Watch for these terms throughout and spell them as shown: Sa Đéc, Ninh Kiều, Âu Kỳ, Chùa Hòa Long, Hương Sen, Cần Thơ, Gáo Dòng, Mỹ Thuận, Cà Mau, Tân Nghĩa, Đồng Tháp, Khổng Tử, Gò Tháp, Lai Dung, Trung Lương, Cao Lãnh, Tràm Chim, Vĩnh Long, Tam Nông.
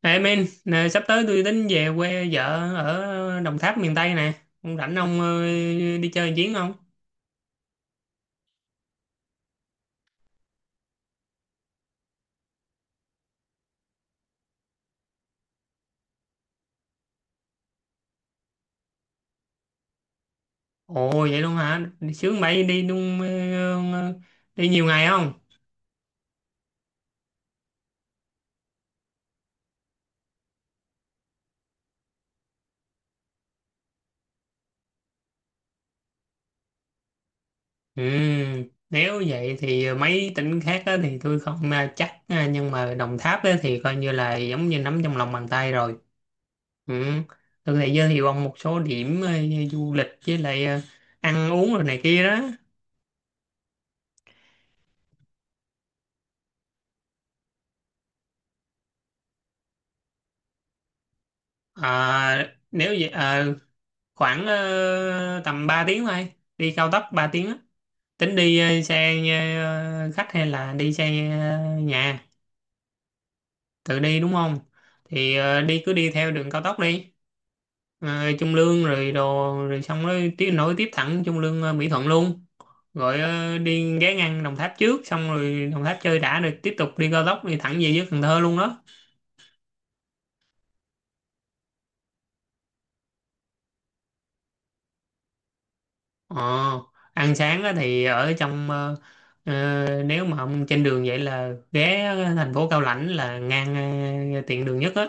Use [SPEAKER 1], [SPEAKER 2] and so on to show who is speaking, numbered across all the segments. [SPEAKER 1] Ê men, nè, sắp tới tôi tính về quê vợ ở Đồng Tháp miền Tây nè. Ông rảnh ông, đi chơi một chuyến không? Ồ vậy luôn hả? Đi Sướng bậy đi luôn, ờ, đi nhiều ngày không? Ừ, nếu vậy thì mấy tỉnh khác á thì tôi không chắc, nhưng mà Đồng Tháp á thì coi như là giống như nắm trong lòng bàn tay rồi. Ừ. Tôi có thể giới thiệu ông một số điểm du lịch với lại ăn uống rồi này kia đó. À, nếu vậy à, khoảng tầm 3 tiếng thôi, đi cao tốc 3 tiếng á. Tính đi xe khách hay là đi xe nhà tự đi đúng không? Thì đi cứ đi theo đường cao tốc đi. Ờ, Trung Lương rồi đồ, rồi xong rồi tiếp nối tiếp thẳng Trung Lương Mỹ Thuận luôn, rồi đi ghé ngang Đồng Tháp trước, xong rồi Đồng Tháp chơi đã rồi tiếp tục đi cao tốc đi thẳng về dưới Cần Thơ luôn đó. Ờ, ăn sáng á thì ở trong, nếu mà ông trên đường vậy là ghé thành phố Cao Lãnh là ngang, tiện đường nhất á.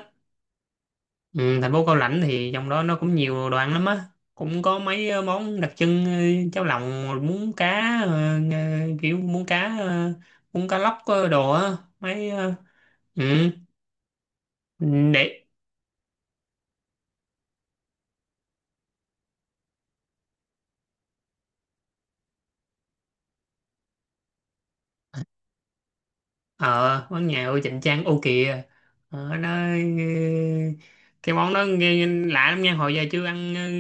[SPEAKER 1] Ừ, thành phố Cao Lãnh thì trong đó nó cũng nhiều đồ ăn lắm á. Cũng có mấy món đặc trưng, cháo lòng, muống cá, kiểu muống cá, muống cá lóc đồ á, mấy, ờ, ừ, để ờ món nhậu chỉnh trang ô kìa. Nó cái món đó nghe lạ lắm nha, hồi giờ chưa ăn. Ừ,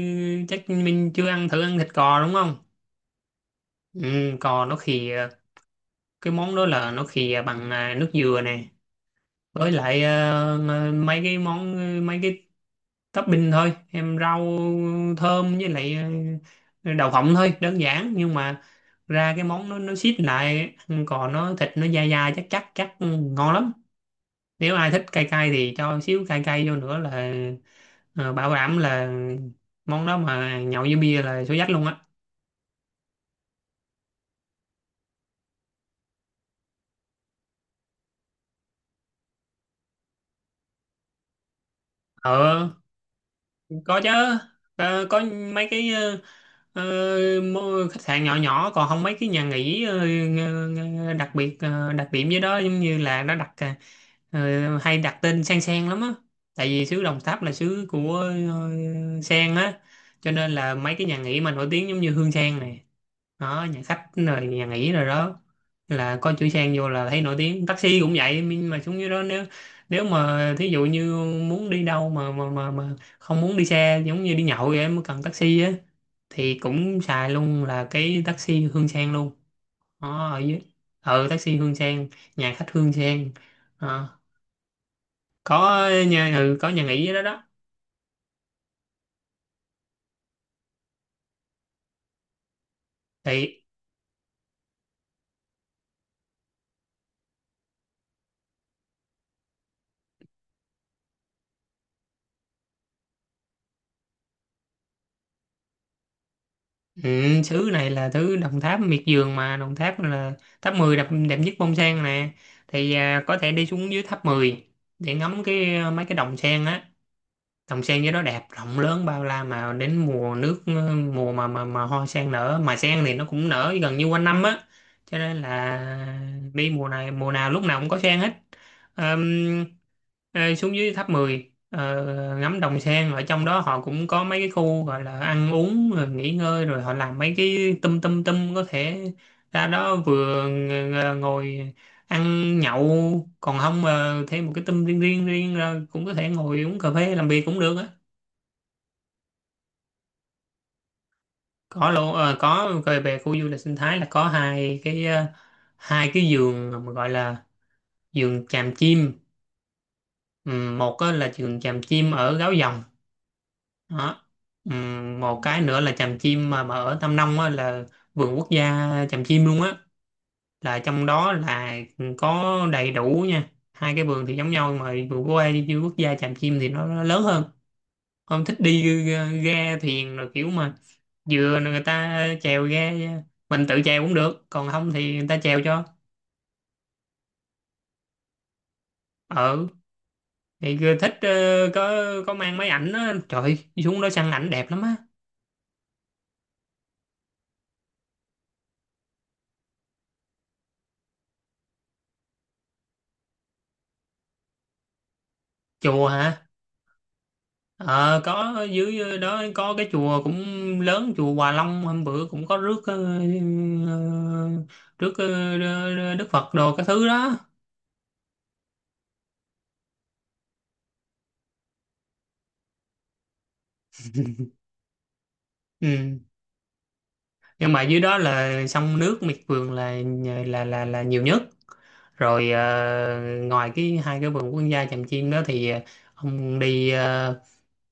[SPEAKER 1] chắc mình chưa ăn thử, ăn thịt cò đúng không? Ừ, cò nó khìa. Cái món đó là nó khìa bằng à, nước dừa nè, với lại mấy cái món, mấy cái topping thôi, em rau thơm, với lại đậu phộng thôi, đơn giản nhưng mà ra cái món nó xít lại, ăn cò nó thịt nó dai dai, chắc chắc chắc Ừ, ngon lắm. Nếu ai thích cay cay thì cho xíu cay cay vô nữa là bảo đảm là món đó mà nhậu với bia là số dách luôn á. Ờ, có chứ, có, có. Mấy cái, ờ, khách sạn nhỏ nhỏ, còn không mấy cái nhà nghỉ, đặc biệt đặc điểm với đó giống như là nó đặt, hay đặt tên sen sen lắm á, tại vì xứ Đồng Tháp là xứ của ờ, sen á, cho nên là mấy cái nhà nghỉ mà nổi tiếng giống như Hương Sen này đó, nhà khách rồi nhà nghỉ rồi đó, là có chữ sang vô là thấy nổi tiếng. Taxi cũng vậy, nhưng mà xuống dưới đó, nếu, nếu mà thí dụ như muốn đi đâu mà mà không muốn đi xe, giống như đi nhậu vậy mới cần taxi á, thì cũng xài luôn là cái taxi Hương Sen luôn. Đó, ở dưới, ừ, taxi Hương Sen, nhà khách Hương Sen. Ờ, có nhà, ừ, có nhà nghỉ ở đó đó thì. Ừ, sứ này là thứ Đồng Tháp miệt vườn mà, Đồng Tháp là tháp 10 đẹp, đẹp nhất bông sen nè, thì à, có thể đi xuống dưới tháp 10 để ngắm cái, mấy cái đồng sen á. Đồng sen với đó đẹp, rộng lớn bao la, mà đến mùa nước, mùa mà mà hoa sen nở, mà sen thì nó cũng nở gần như quanh năm á, cho nên là đi mùa này, mùa nào lúc nào cũng có sen hết. Ờm, Xuống dưới tháp mười, ngắm đồng sen, ở trong đó họ cũng có mấy cái khu gọi là ăn uống rồi nghỉ ngơi, rồi họ làm mấy cái tum tum tum, có thể ra đó vừa ngồi ăn nhậu, còn không mà thêm một cái tâm riêng riêng riêng ra cũng có thể ngồi uống cà phê làm việc cũng được á. Có lô, có về về khu du lịch sinh thái là có hai cái, hai cái vườn mà gọi là vườn chàm chim. Một á là vườn chàm chim ở Gáo Dòng đó. Một cái nữa là chàm chim mà ở Tam Nông á, là vườn quốc gia chàm chim luôn á, là trong đó là có đầy đủ nha. Hai cái vườn thì giống nhau, nhưng mà vườn quốc gia, vườn quốc gia chàm chim thì nó lớn hơn. Không thích đi ga thuyền rồi, kiểu mà vừa người ta chèo ga, mình tự chèo cũng được, còn không thì người ta chèo cho. Ừ, thì cứ thích, có mang máy ảnh á, trời ơi, xuống đó săn ảnh đẹp lắm á. Chùa hả? Ờ, có, dưới đó có cái chùa cũng lớn, chùa Hòa Long, hôm bữa cũng có rước, ờ, rước Đức Phật đồ, cái thứ đó. Ừ, nhưng mà dưới đó là sông nước miệt vườn là là nhiều nhất. Rồi ngoài cái hai cái vườn quốc gia Tràm Chim đó thì, ông đi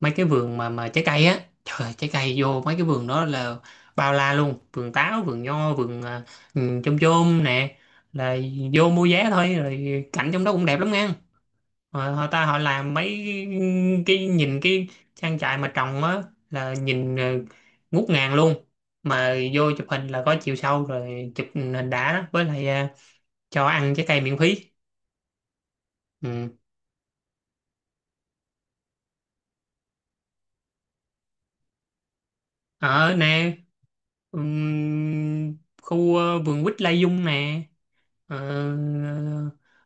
[SPEAKER 1] mấy cái vườn mà trái cây á. Trời ơi, trái cây vô mấy cái vườn đó là bao la luôn, vườn táo, vườn nho, vườn, chôm chôm nè, là vô mua vé thôi, rồi cảnh trong đó cũng đẹp lắm nha. Ờ, họ ta họ làm mấy cái nhìn cái trang trại mà trồng á là nhìn, ngút ngàn luôn. Mà vô chụp hình là có chiều sâu, rồi chụp hình đã đó, với lại cho ăn trái cây miễn phí. Ừ. Ở nè, khu, vườn quýt Lai Dung nè. Ờ,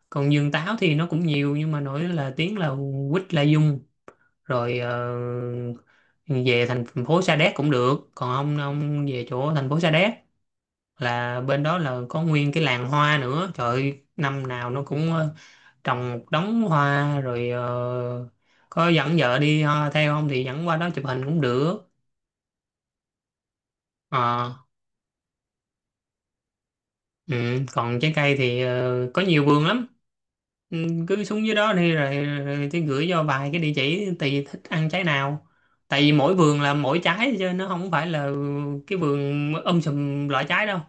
[SPEAKER 1] còn vườn táo thì nó cũng nhiều, nhưng mà nổi là tiếng là quýt Lai Dung. Rồi về thành phố Sa Đéc cũng được, còn ông về chỗ thành phố Sa Đéc là bên đó là có nguyên cái làng hoa nữa, trời ơi, năm nào nó cũng trồng một đống hoa. Rồi có dẫn vợ đi theo không, thì dẫn qua đó chụp hình cũng được. Ờ. Ừ, còn trái cây thì có nhiều vườn lắm. Ừ, cứ xuống dưới đó đi, rồi tôi gửi cho vài cái địa chỉ, tùy thích ăn trái nào, tại vì mỗi vườn là mỗi trái chứ nó không phải là cái vườn sùm loại trái đâu.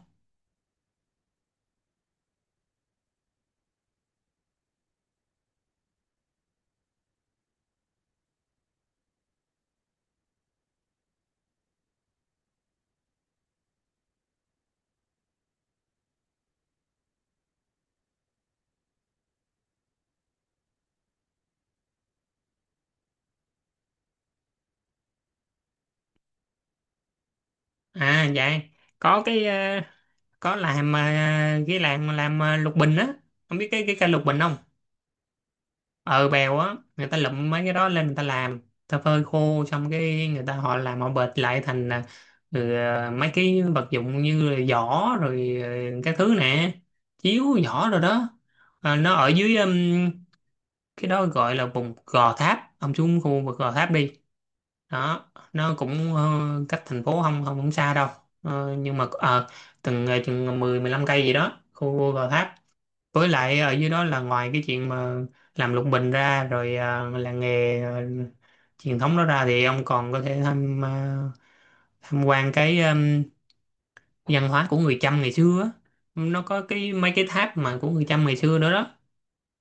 [SPEAKER 1] À dạ, có cái, có làm, ờ, cái làm lục bình á, không biết cái cây lục bình không? Ờ, bèo á, người ta lụm mấy cái đó lên, người ta làm, người ta phơi khô, xong cái người ta họ làm, họ bệt lại thành à, ừ, à, mấy cái vật dụng như là giỏ rồi, cái thứ nè, chiếu giỏ rồi đó. À, nó ở dưới, cái đó gọi là vùng Gò Tháp. Ông xuống khu vực Gò Tháp đi, đó nó cũng, cách thành phố không không không xa đâu. Ờ, nhưng mà chừng 10 15 cây gì đó khu Gò Tháp. Với lại ở dưới đó là ngoài cái chuyện mà làm lục bình ra, rồi à, làng nghề à, truyền thống đó ra, thì ông còn có thể tham quan cái, văn hóa của người Chăm ngày xưa á. Nó có cái mấy cái tháp mà của người Chăm ngày xưa đó đó,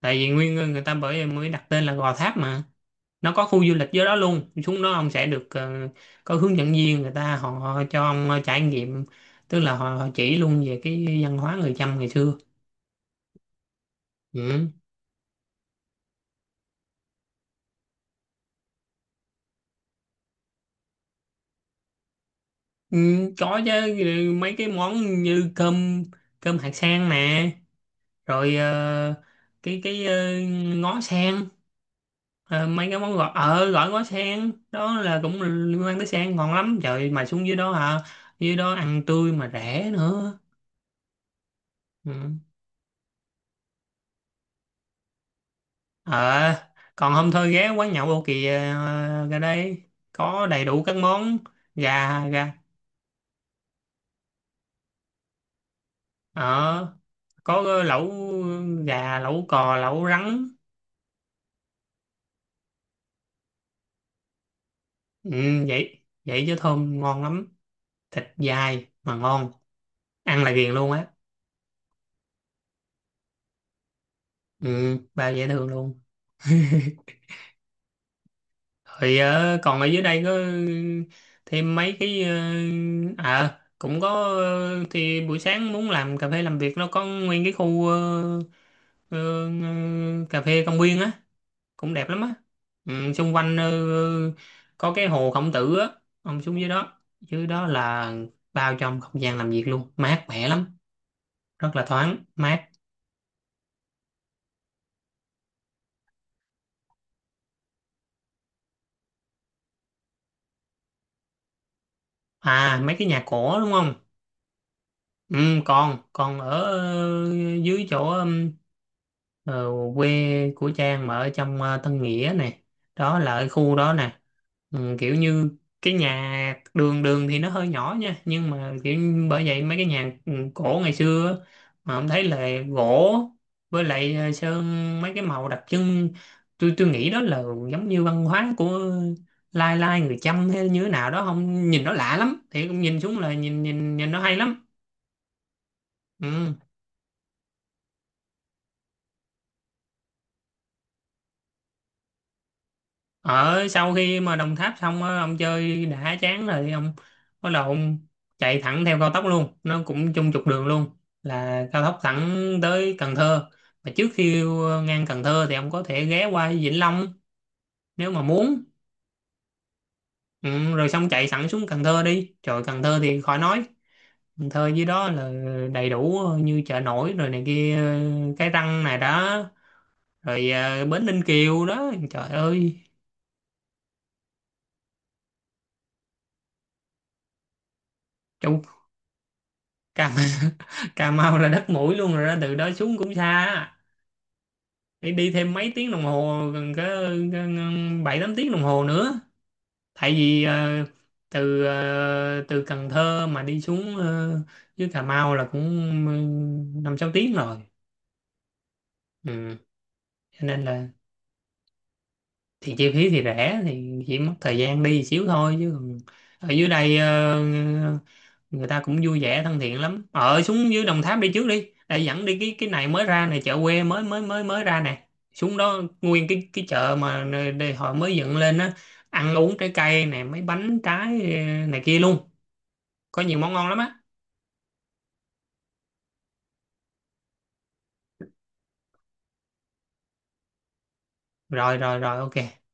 [SPEAKER 1] tại vì nguyên người, ta bởi mới đặt tên là Gò Tháp mà. Nó có khu du lịch dưới đó luôn, xuống đó ông sẽ được, có hướng dẫn viên, người ta họ cho ông trải nghiệm, tức là họ chỉ luôn về cái văn hóa người Chăm ngày xưa. Ừ. Ừ, có chứ. Ừ, mấy cái món như cơm, cơm hạt sen nè, rồi cái cái ờ, ngó sen. Mấy cái món gọi gọi ngó sen đó là cũng liên quan tới sen, ngon lắm trời, mà xuống dưới đó hả, dưới đó ăn tươi mà rẻ nữa. Ừ. Ờ, còn hôm thôi ghé quán nhậu Âu Kỳ ra đây, có đầy đủ các món. Gà gà ờ, có lẩu gà, lẩu cò, lẩu rắn. Ừ, vậy vậy chứ thơm ngon lắm, thịt dai mà ngon, ăn là ghiền luôn á. Ừ, bao dễ thương luôn. Rồi còn ở dưới đây có, ừ, thêm mấy cái, cũng có, thì buổi sáng muốn làm cà phê làm việc, nó có nguyên cái khu, cà phê công viên á, cũng đẹp lắm á. Ừ, xung quanh, có cái hồ Khổng Tử á, ông xuống dưới đó, dưới đó là bao trong không gian làm việc luôn, mát mẻ lắm, rất là thoáng mát. À, mấy cái nhà cổ đúng không? Ừ, còn con ở, dưới chỗ, Ờ, quê của Trang mà, ở trong Tân Nghĩa nè, đó là ở khu đó nè. Ừ, kiểu như cái nhà đường đường thì nó hơi nhỏ nha, nhưng mà kiểu như bởi vậy mấy cái nhà, ừ, cổ ngày xưa á, mà ông thấy là gỗ với lại sơn mấy cái màu đặc trưng. Tôi nghĩ đó là giống như văn hóa của lai lai người Chăm hay như thế nào đó, không, nhìn nó lạ lắm, thì cũng nhìn xuống là nhìn nhìn nhìn nó hay lắm. Ừ. Ở sau khi mà Đồng Tháp xong á, ông chơi đã chán rồi, ông bắt đầu ông chạy thẳng theo cao tốc luôn, nó cũng chung trục đường luôn, là cao tốc thẳng tới Cần Thơ. Mà trước khi ngang Cần Thơ thì ông có thể ghé qua Vĩnh Long nếu mà muốn. Ừ, rồi xong chạy thẳng xuống Cần Thơ đi, trời Cần Thơ thì khỏi nói. Cần Thơ dưới đó là đầy đủ, như chợ nổi rồi này kia, cái răng này đó, rồi bến Ninh Kiều đó, trời ơi. Châu Cà, Cà Mau là đất mũi luôn rồi đó, từ đó xuống cũng xa á. Đi đi thêm mấy tiếng đồng hồ, gần có bảy tám tiếng đồng hồ nữa, tại vì từ Cần Thơ mà đi xuống dưới Cà Mau là cũng, ừ, năm sáu tiếng rồi. Ừ. Cho nên là thì chi phí thì rẻ, thì chỉ mất thời gian đi xíu thôi, chứ còn ở dưới đây, người ta cũng vui vẻ thân thiện lắm. Ở xuống dưới Đồng Tháp đi trước đi, để dẫn đi cái này mới ra này, chợ quê mới mới mới mới ra nè. Xuống đó nguyên cái chợ mà đây họ mới dựng lên á, ăn uống, trái cây nè, mấy bánh trái này kia luôn, có nhiều món ngon lắm á. Rồi rồi rồi ok.